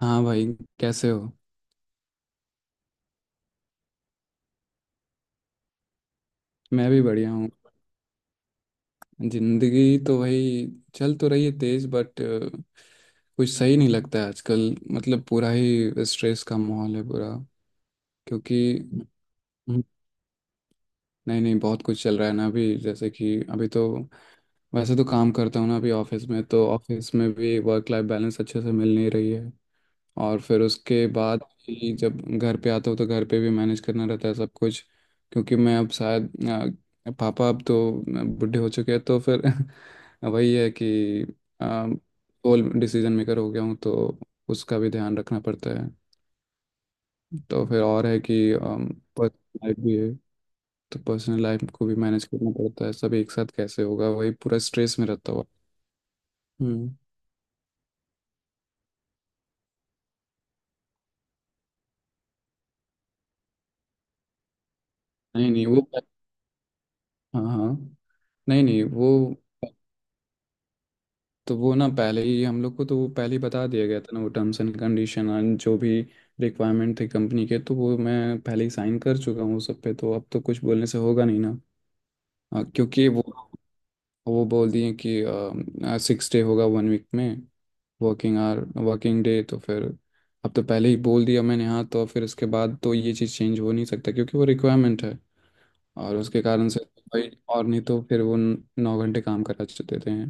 हाँ भाई, कैसे हो। मैं भी बढ़िया हूँ। जिंदगी तो वही चल तो रही है तेज बट कुछ सही नहीं लगता है आजकल। मतलब पूरा ही स्ट्रेस का माहौल है पूरा। क्योंकि हम्म, नहीं नहीं, बहुत कुछ चल रहा है ना अभी। जैसे कि अभी तो वैसे तो काम करता हूँ ना अभी ऑफिस में, तो ऑफिस में भी वर्क लाइफ बैलेंस अच्छे से मिल नहीं रही है। और फिर उसके बाद ही जब घर पे आता हूँ तो घर पे भी मैनेज करना रहता है सब कुछ। क्योंकि मैं अब शायद पापा अब तो बूढ़े हो चुके हैं तो फिर वही है कि ऑल डिसीजन मेकर हो गया हूँ तो उसका भी ध्यान रखना पड़ता है। तो फिर और है कि पर्सनल लाइफ भी है, तो पर्सनल लाइफ को भी मैनेज करना पड़ता है। सब एक साथ कैसे होगा, वही पूरा स्ट्रेस में रहता हुआ। हम्म। नहीं नहीं वो। हाँ हाँ। नहीं नहीं वो, तो वो ना पहले ही हम लोग को, तो वो पहले ही बता दिया गया था ना वो टर्म्स एंड कंडीशन एंड जो भी रिक्वायरमेंट थी कंपनी के, तो वो मैं पहले ही साइन कर चुका हूँ उस सब पे। तो अब तो कुछ बोलने से होगा नहीं ना। क्योंकि वो बोल दिए कि सिक्स डे होगा वन वीक में, वर्किंग आवर, वर्किंग डे। तो फिर अब तो पहले ही बोल दिया मैंने हाँ, तो फिर इसके बाद तो ये चीज़ चेंज हो नहीं सकता क्योंकि वो रिक्वायरमेंट है। और उसके कारण से तो भाई और नहीं, तो फिर वो 9 घंटे काम करा देते हैं।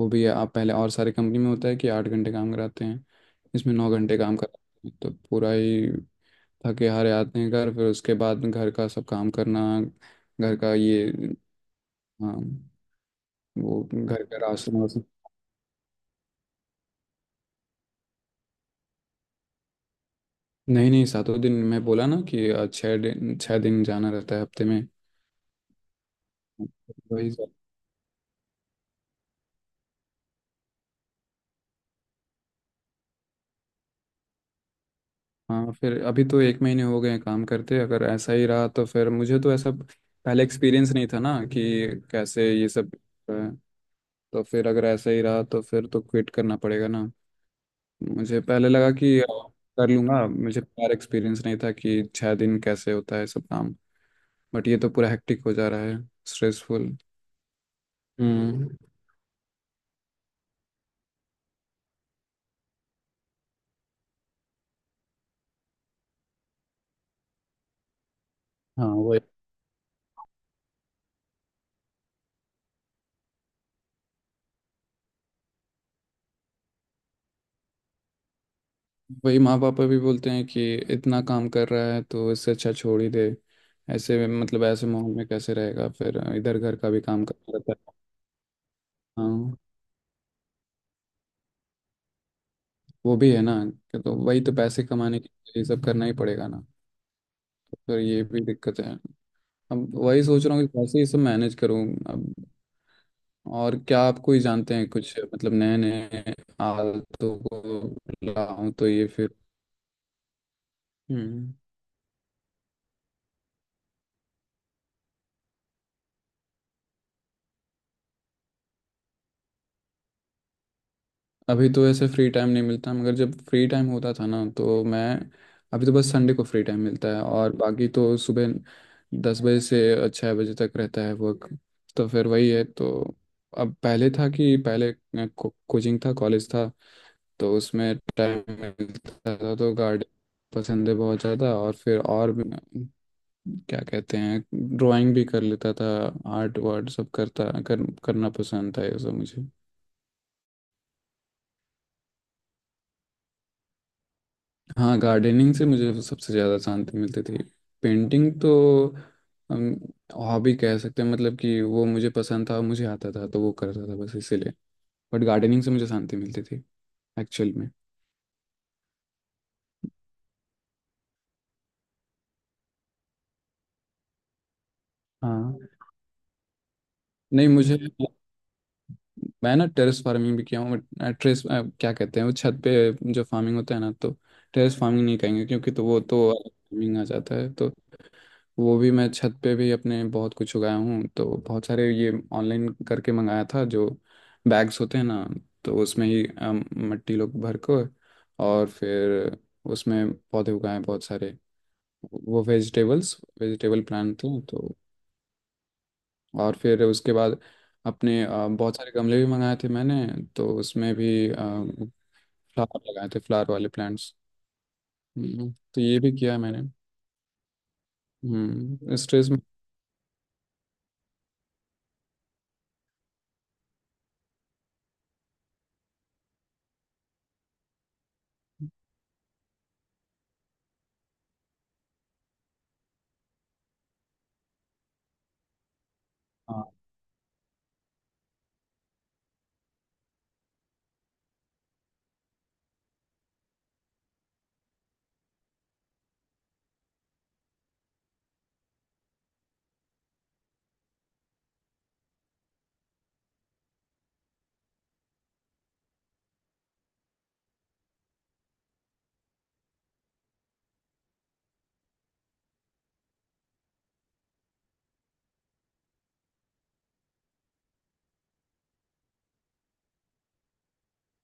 वो भी आप पहले और सारे कंपनी में होता है कि 8 घंटे काम कराते हैं, इसमें 9 घंटे काम कराते हैं। तो पूरा ही थके हारे आते हैं घर, फिर उसके बाद घर का सब काम करना, घर का ये हाँ वो घर का राशन वाशन। नहीं नहीं सातों दिन, मैं बोला ना कि 6 दिन, 6 दिन जाना रहता है हफ्ते में। वही। हाँ फिर अभी तो 1 महीने हो गए हैं काम करते, अगर ऐसा ही रहा तो फिर मुझे तो ऐसा पहले एक्सपीरियंस नहीं था ना कि कैसे ये सब। अ, तो फिर अगर ऐसा ही रहा तो फिर तो क्विट करना पड़ेगा ना। मुझे पहले लगा कि कर लूँगा, मुझे पर एक्सपीरियंस नहीं था कि 6 दिन कैसे होता है सब काम। बट ये तो पूरा हेक्टिक हो जा रहा है, स्ट्रेसफुल। हम्म। हाँ वही माँ पापा भी बोलते हैं कि इतना काम कर रहा है तो इससे अच्छा छोड़ ही दे। मतलब ऐसे माहौल में कैसे रहेगा फिर, इधर घर का भी काम करना रहता है। हाँ वो भी है ना कि तो वही तो पैसे कमाने के लिए ये सब करना ही पड़ेगा ना। तो फिर ये भी दिक्कत है। अब वही सोच रहा हूँ कि कैसे ये सब मैनेज करूँ अब। और क्या आपको ही जानते हैं, कुछ मतलब नए नए आदतों को लाऊं तो ये फिर। हम्म। अभी तो ऐसे फ्री टाइम नहीं मिलता, मगर जब फ्री टाइम होता था ना तो मैं, अभी तो बस संडे को फ्री टाइम मिलता है और बाकी तो सुबह 10 बजे से 6 बजे तक रहता है वर्क। तो फिर वही है तो अब पहले था कि पहले कोचिंग था, कॉलेज था, तो उसमें टाइम मिलता था। तो गार्डन पसंद है बहुत ज़्यादा। और फिर और भी क्या कहते हैं, ड्राइंग भी कर लेता था। आर्ट वार्ट सब करना पसंद था ये सब मुझे। हाँ गार्डनिंग से मुझे सबसे ज़्यादा शांति मिलती थी। पेंटिंग तो हम हॉबी कह सकते हैं, मतलब कि वो मुझे पसंद था, मुझे आता था तो वो करता था बस इसीलिए। बट गार्डनिंग से मुझे शांति मिलती थी एक्चुअल में। हाँ नहीं मुझे, मैं ना टेरेस फार्मिंग भी किया हूँ। बट टेरेस क्या कहते हैं, वो छत पे जो फार्मिंग होता है ना, तो टेरेस फार्मिंग नहीं कहेंगे क्योंकि तो वो तो फार्मिंग आ जाता है तो। वो भी मैं छत पे भी अपने बहुत कुछ उगाया हूँ। तो बहुत सारे ये ऑनलाइन करके मंगाया था, जो बैग्स होते हैं ना, तो उसमें ही मिट्टी लोग भर को, और फिर उसमें पौधे उगाए बहुत सारे। वो वेजिटेबल्स, वेजिटेबल प्लांट थे तो। और फिर उसके बाद अपने बहुत सारे गमले भी मंगाए थे मैंने, तो उसमें भी फ्लावर लगाए थे, फ्लावर वाले प्लांट्स। तो ये भी किया है मैंने। स्ट्रेस में।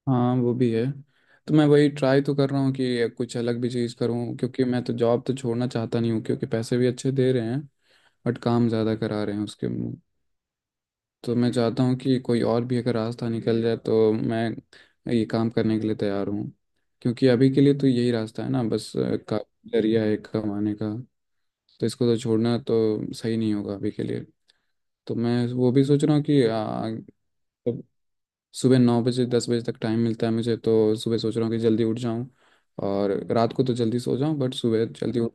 हाँ वो भी है। तो मैं वही ट्राई तो कर रहा हूँ कि कुछ अलग भी चीज़ करूँ क्योंकि मैं तो जॉब तो छोड़ना चाहता नहीं हूँ क्योंकि पैसे भी अच्छे दे रहे हैं। बट काम ज़्यादा करा रहे हैं उसके। तो मैं चाहता हूँ कि कोई और भी अगर रास्ता निकल जाए, तो मैं ये काम करने के लिए तैयार हूँ। क्योंकि अभी के लिए तो यही रास्ता है ना बस, का जरिया है कमाने का। तो इसको तो छोड़ना तो सही नहीं होगा अभी के लिए। तो मैं वो भी सोच रहा हूँ कि सुबह 9 बजे 10 बजे तक टाइम मिलता है मुझे, तो सुबह सोच रहा हूँ कि जल्दी उठ जाऊँ और रात को तो जल्दी सो जाऊँ। बट सुबह जल्दी उठ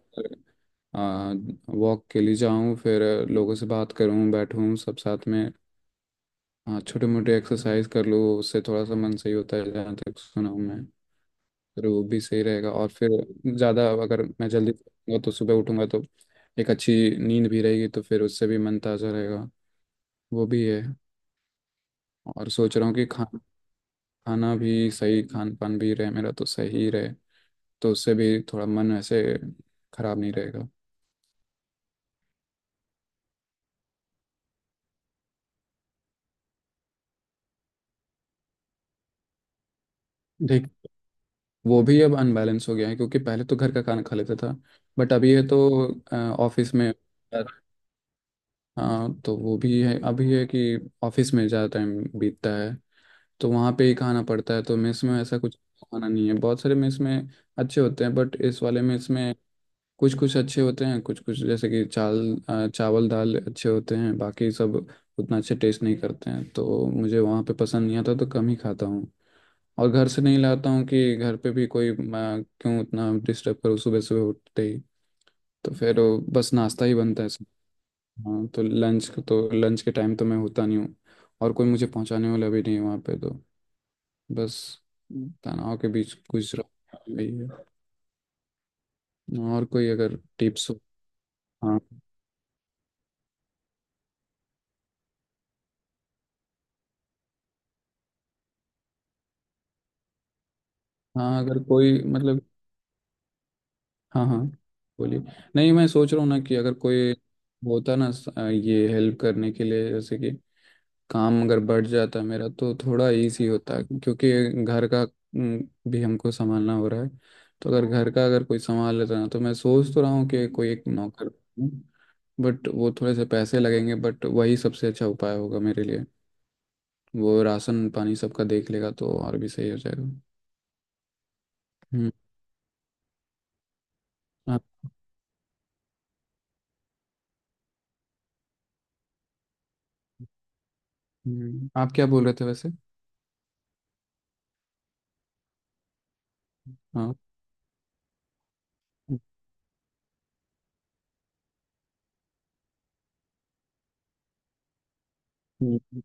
वॉक के लिए जाऊँ, फिर लोगों से बात करूँ, बैठूँ सब साथ में, छोटे मोटे एक्सरसाइज कर लूँ। उससे थोड़ा सा मन सही होता है जहाँ तक सुना हूँ मैं। फिर वो भी सही रहेगा और फिर ज़्यादा अगर मैं जल्दी सोऊंगा तो सुबह उठूँगा तो एक अच्छी नींद भी रहेगी, तो फिर उससे भी मन ताज़ा रहेगा। वो भी है। और सोच रहा हूँ कि खा खाना भी सही, खान पान भी रहे मेरा तो सही रहे, तो उससे भी थोड़ा मन ऐसे खराब नहीं रहेगा। देख वो भी अब अनबैलेंस हो गया है क्योंकि पहले तो घर का खाना खा लेता था। बट अभी है तो ऑफिस में। हाँ तो वो भी है, अभी है कि ऑफिस में ज़्यादा टाइम बीतता है। तो वहाँ पे ही खाना पड़ता है। तो मेस में ऐसा कुछ खाना नहीं है। बहुत सारे मेस में अच्छे होते हैं, बट इस वाले मेस में कुछ कुछ अच्छे होते हैं, कुछ कुछ जैसे कि चावल चावल दाल अच्छे होते हैं बाकी सब उतना अच्छे टेस्ट नहीं करते हैं। तो मुझे वहाँ पे पसंद नहीं आता तो कम ही खाता हूँ। और घर से नहीं लाता हूँ कि घर पे भी कोई मैं क्यों उतना डिस्टर्ब करूँ सुबह सुबह उठते ही। तो फिर वो बस नाश्ता ही बनता है सब। हाँ तो लंच, तो लंच के टाइम तो मैं होता नहीं हूँ और कोई मुझे पहुँचाने वाला भी नहीं है वहाँ पे तो। बस तनाव के बीच गुजरा यही है। और कोई अगर टिप्स हो। हाँ हाँ, अगर कोई मतलब। हाँ हाँ बोलिए। नहीं मैं सोच रहा हूँ ना कि अगर कोई होता ना ये हेल्प करने के लिए, जैसे कि काम अगर बढ़ जाता मेरा तो थोड़ा इजी होता क्योंकि घर का भी हमको संभालना हो रहा है। तो अगर घर का अगर कोई संभाल लेता ना। तो मैं सोच तो रहा हूँ कि कोई एक नौकर, बट वो थोड़े से पैसे लगेंगे बट वही सबसे अच्छा उपाय होगा मेरे लिए। वो राशन पानी सबका देख लेगा तो और भी सही हो जाएगा। हम्म। आप, आप क्या बोल रहे थे वैसे। हाँ। हम्म,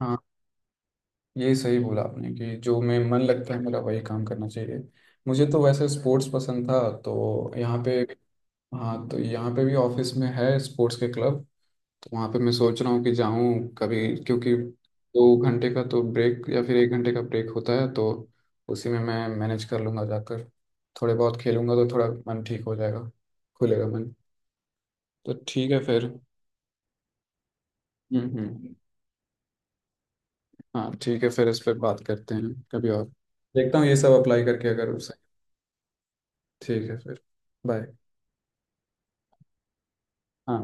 हाँ ये सही बोला आपने कि जो मैं मन लगता है मेरा वही काम करना चाहिए। मुझे तो वैसे स्पोर्ट्स पसंद था, तो यहाँ पे, हाँ तो यहाँ पे भी ऑफिस में है स्पोर्ट्स के क्लब। तो वहाँ पे मैं सोच रहा हूँ कि जाऊँ कभी क्योंकि 2 घंटे का तो ब्रेक या फिर 1 घंटे का ब्रेक होता है तो उसी में मैं मैनेज कर लूँगा जाकर। थोड़े बहुत खेलूँगा तो थोड़ा मन ठीक हो जाएगा, खुलेगा मन। तो ठीक है फिर। हम्म। हाँ ठीक है, फिर इस पर बात करते हैं कभी और। देखता हूँ ये सब अप्लाई करके अगर। ठीक है फिर, बाय। हाँ।